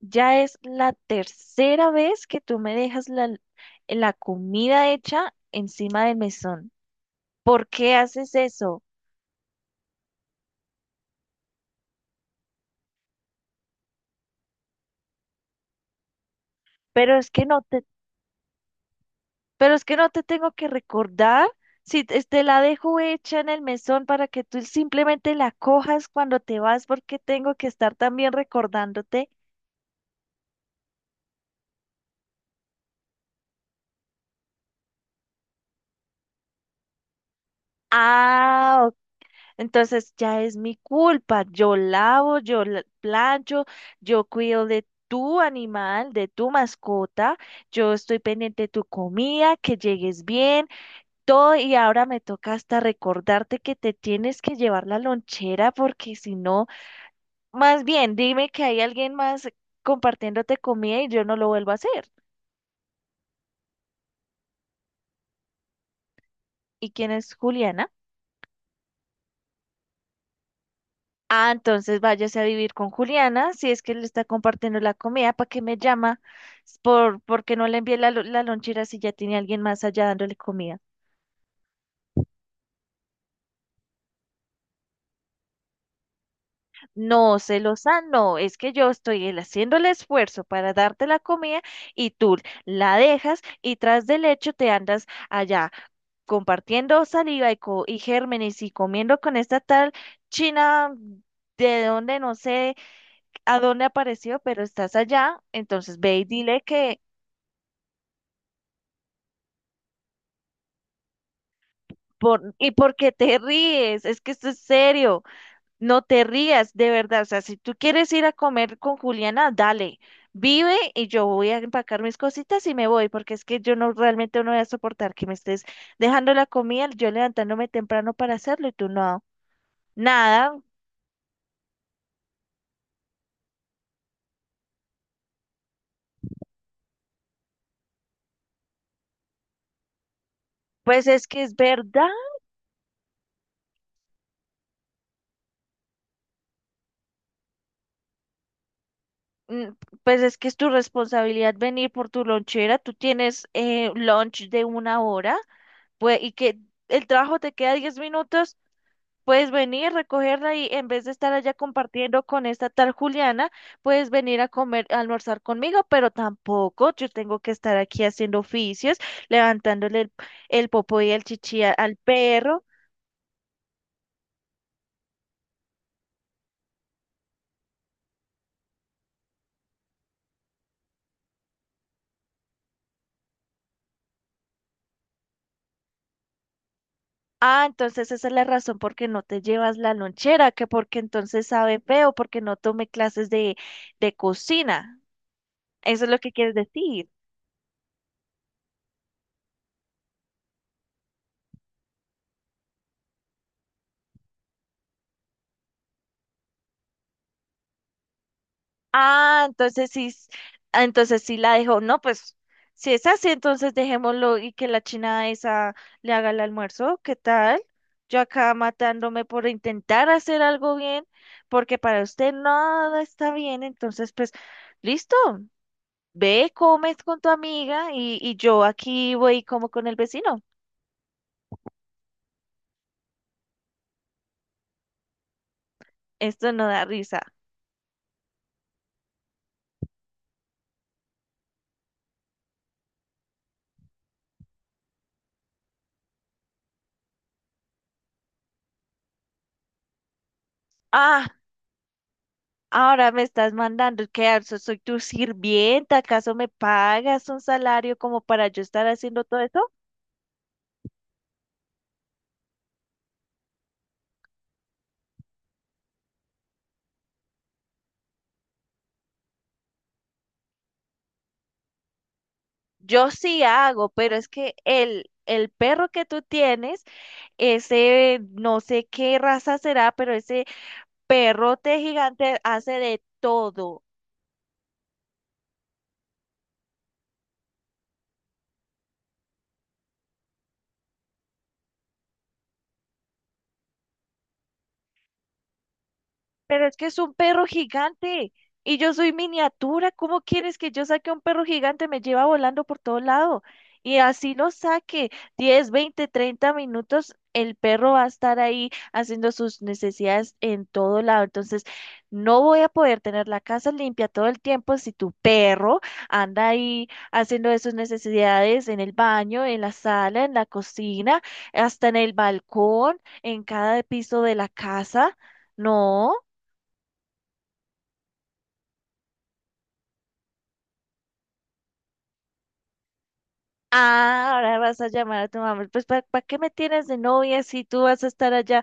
Ya es la tercera vez que tú me dejas la comida hecha encima del mesón. ¿Por qué haces eso? Pero es que no te, pero es que no te tengo que recordar si te la dejo hecha en el mesón para que tú simplemente la cojas cuando te vas, porque tengo que estar también recordándote. Ah, entonces ya es mi culpa. Yo lavo, plancho, yo cuido de tu animal, de tu mascota, yo estoy pendiente de tu comida, que llegues bien, todo. Y ahora me toca hasta recordarte que te tienes que llevar la lonchera porque si no, más bien dime que hay alguien más compartiéndote comida y yo no lo vuelvo a hacer. ¿Y quién es Juliana? Ah, entonces váyase a vivir con Juliana, si es que le está compartiendo la comida, ¿para qué me llama? Porque no le envié la lonchera si ya tiene alguien más allá dándole comida. No, celosa, no, es que yo estoy haciendo el esfuerzo para darte la comida y tú la dejas y tras del hecho te andas allá compartiendo saliva y gérmenes y comiendo con esta tal china de donde no sé a dónde apareció, pero estás allá, entonces ve y dile que. ¿Y por qué te ríes? Es que esto es serio. No te rías, de verdad. O sea, si tú quieres ir a comer con Juliana, dale. Vive y yo voy a empacar mis cositas y me voy, porque es que yo no realmente no voy a soportar que me estés dejando la comida, yo levantándome temprano para hacerlo y tú no. Nada, pues es que es verdad. mm, pues es que es tu responsabilidad venir por tu lonchera, tú tienes lunch de 1 hora, pues y que el trabajo te queda 10 minutos. Puedes venir, recogerla y en vez de estar allá compartiendo con esta tal Juliana, puedes venir a comer, a almorzar conmigo, pero tampoco yo tengo que estar aquí haciendo oficios, levantándole el popo y el chichi al perro. Ah, entonces esa es la razón por qué no te llevas la lonchera, que porque entonces sabe feo, porque no tomé clases de cocina. Eso es lo que quieres decir. Ah, entonces sí, s- ah, entonces sí la dejó. No, pues si es así, entonces dejémoslo y que la china esa le haga el almuerzo. ¿Qué tal? Yo acá matándome por intentar hacer algo bien, porque para usted nada está bien. Entonces, pues, listo. Ve, comes con tu amiga y, yo aquí voy y como con el vecino. Esto no da risa. Ah, ahora me estás mandando que ¿acaso soy tu sirvienta? ¿Acaso me pagas un salario como para yo estar haciendo todo eso? Yo sí hago, pero es que el perro que tú tienes, ese no sé qué raza será, pero ese perrote gigante hace de todo. Pero es que es un perro gigante y yo soy miniatura. ¿Cómo quieres que yo saque a un perro gigante? Me lleva volando por todo lado. Y así lo saque 10 20 30 minutos, el perro va a estar ahí haciendo sus necesidades en todo lado. Entonces, no voy a poder tener la casa limpia todo el tiempo si tu perro anda ahí haciendo de sus necesidades en el baño, en la sala, en la cocina, hasta en el balcón, en cada piso de la casa. No. Ah, ahora vas a llamar a tu mamá. Pues, ¿para qué me tienes de novia si tú vas a estar allá,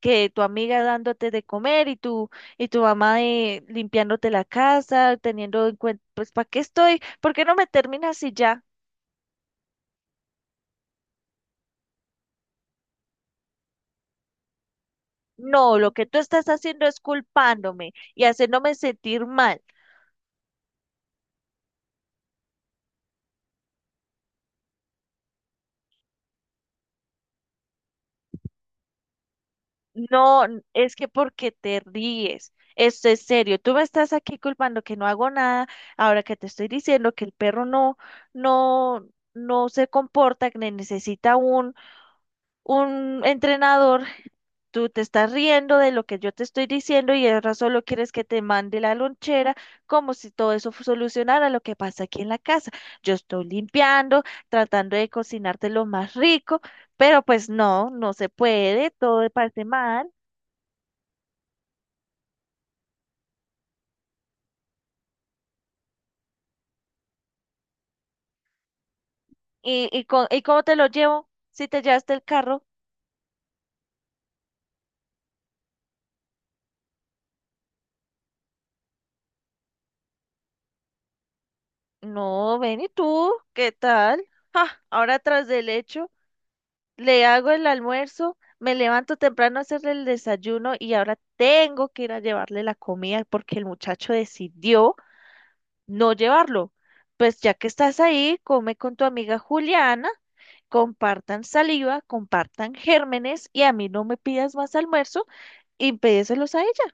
que tu amiga dándote de comer y tu mamá limpiándote la casa, teniendo en cuenta, pues, ¿para qué estoy? ¿Por qué no me terminas y ya? No, lo que tú estás haciendo es culpándome y haciéndome sentir mal. No, es que porque te ríes. Esto es serio. Tú me estás aquí culpando que no hago nada, ahora que te estoy diciendo que el perro no, no se comporta, que necesita un entrenador. Tú te estás riendo de lo que yo te estoy diciendo y ahora solo quieres que te mande la lonchera como si todo eso solucionara lo que pasa aquí en la casa. Yo estoy limpiando, tratando de cocinarte lo más rico, pero pues no, no se puede, todo parece mal. ¿ Y cómo te lo llevo? Si te llevaste el carro. No, ven y tú, ¿qué tal? Ja, ahora tras del hecho, le hago el almuerzo, me levanto temprano a hacerle el desayuno y ahora tengo que ir a llevarle la comida porque el muchacho decidió no llevarlo. Pues ya que estás ahí, come con tu amiga Juliana, compartan saliva, compartan gérmenes y a mí no me pidas más almuerzo y pedíselos a ella.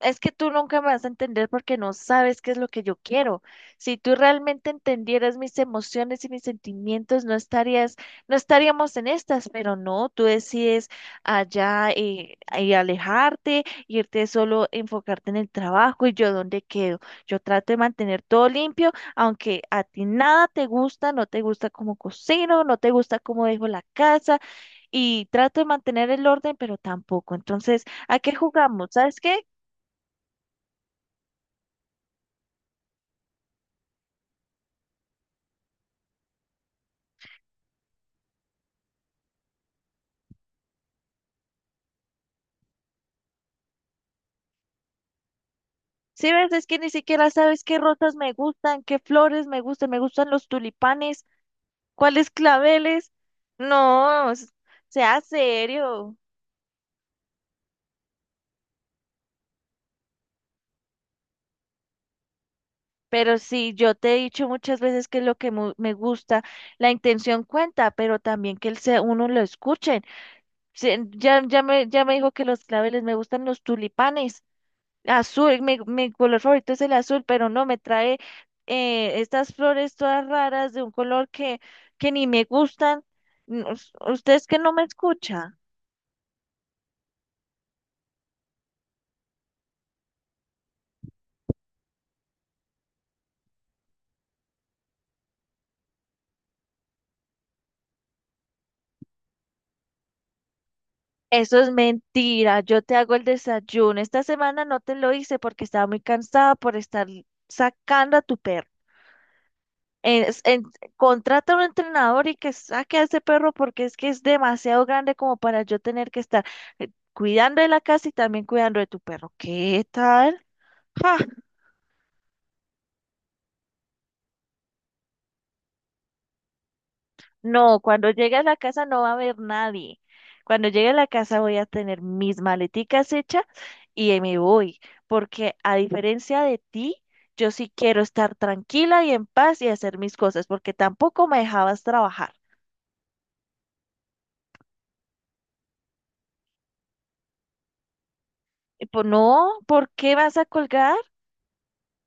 Es que tú nunca me vas a entender porque no sabes qué es lo que yo quiero. Si tú realmente entendieras mis emociones y mis sentimientos, no estaríamos en estas, pero no, tú decides allá y alejarte, irte solo, enfocarte en el trabajo y yo dónde quedo. Yo trato de mantener todo limpio, aunque a ti nada te gusta, no te gusta cómo cocino, no te gusta cómo dejo la casa y trato de mantener el orden, pero tampoco. Entonces, ¿a qué jugamos? ¿Sabes qué? Sí, ves, es que ni siquiera sabes qué rosas me gustan, qué flores me gustan los tulipanes, cuáles claveles. No, s- Sea serio. Pero sí, yo te he dicho muchas veces que lo que me gusta, la intención cuenta, pero también que el se uno lo escuchen. Sí, ya me dijo que los claveles me gustan los tulipanes. Azul, mi color favorito es el azul, pero no me trae estas flores todas raras de un color que ni me gustan. No, us- Usted es que no me escucha. Eso es mentira. Yo te hago el desayuno. Esta semana no te lo hice porque estaba muy cansada por estar sacando a tu perro. Es- en- Contrata a un entrenador y que saque a ese perro porque es que es demasiado grande como para yo tener que estar cuidando de la casa y también cuidando de tu perro. ¿Qué tal? No, cuando llegue a la casa no va a haber nadie. Cuando llegue a la casa voy a tener mis maleticas hechas y ahí me voy, porque a diferencia de ti, yo sí quiero estar tranquila y en paz y hacer mis cosas, porque tampoco me dejabas trabajar. Y pues no, ¿por qué vas a colgar?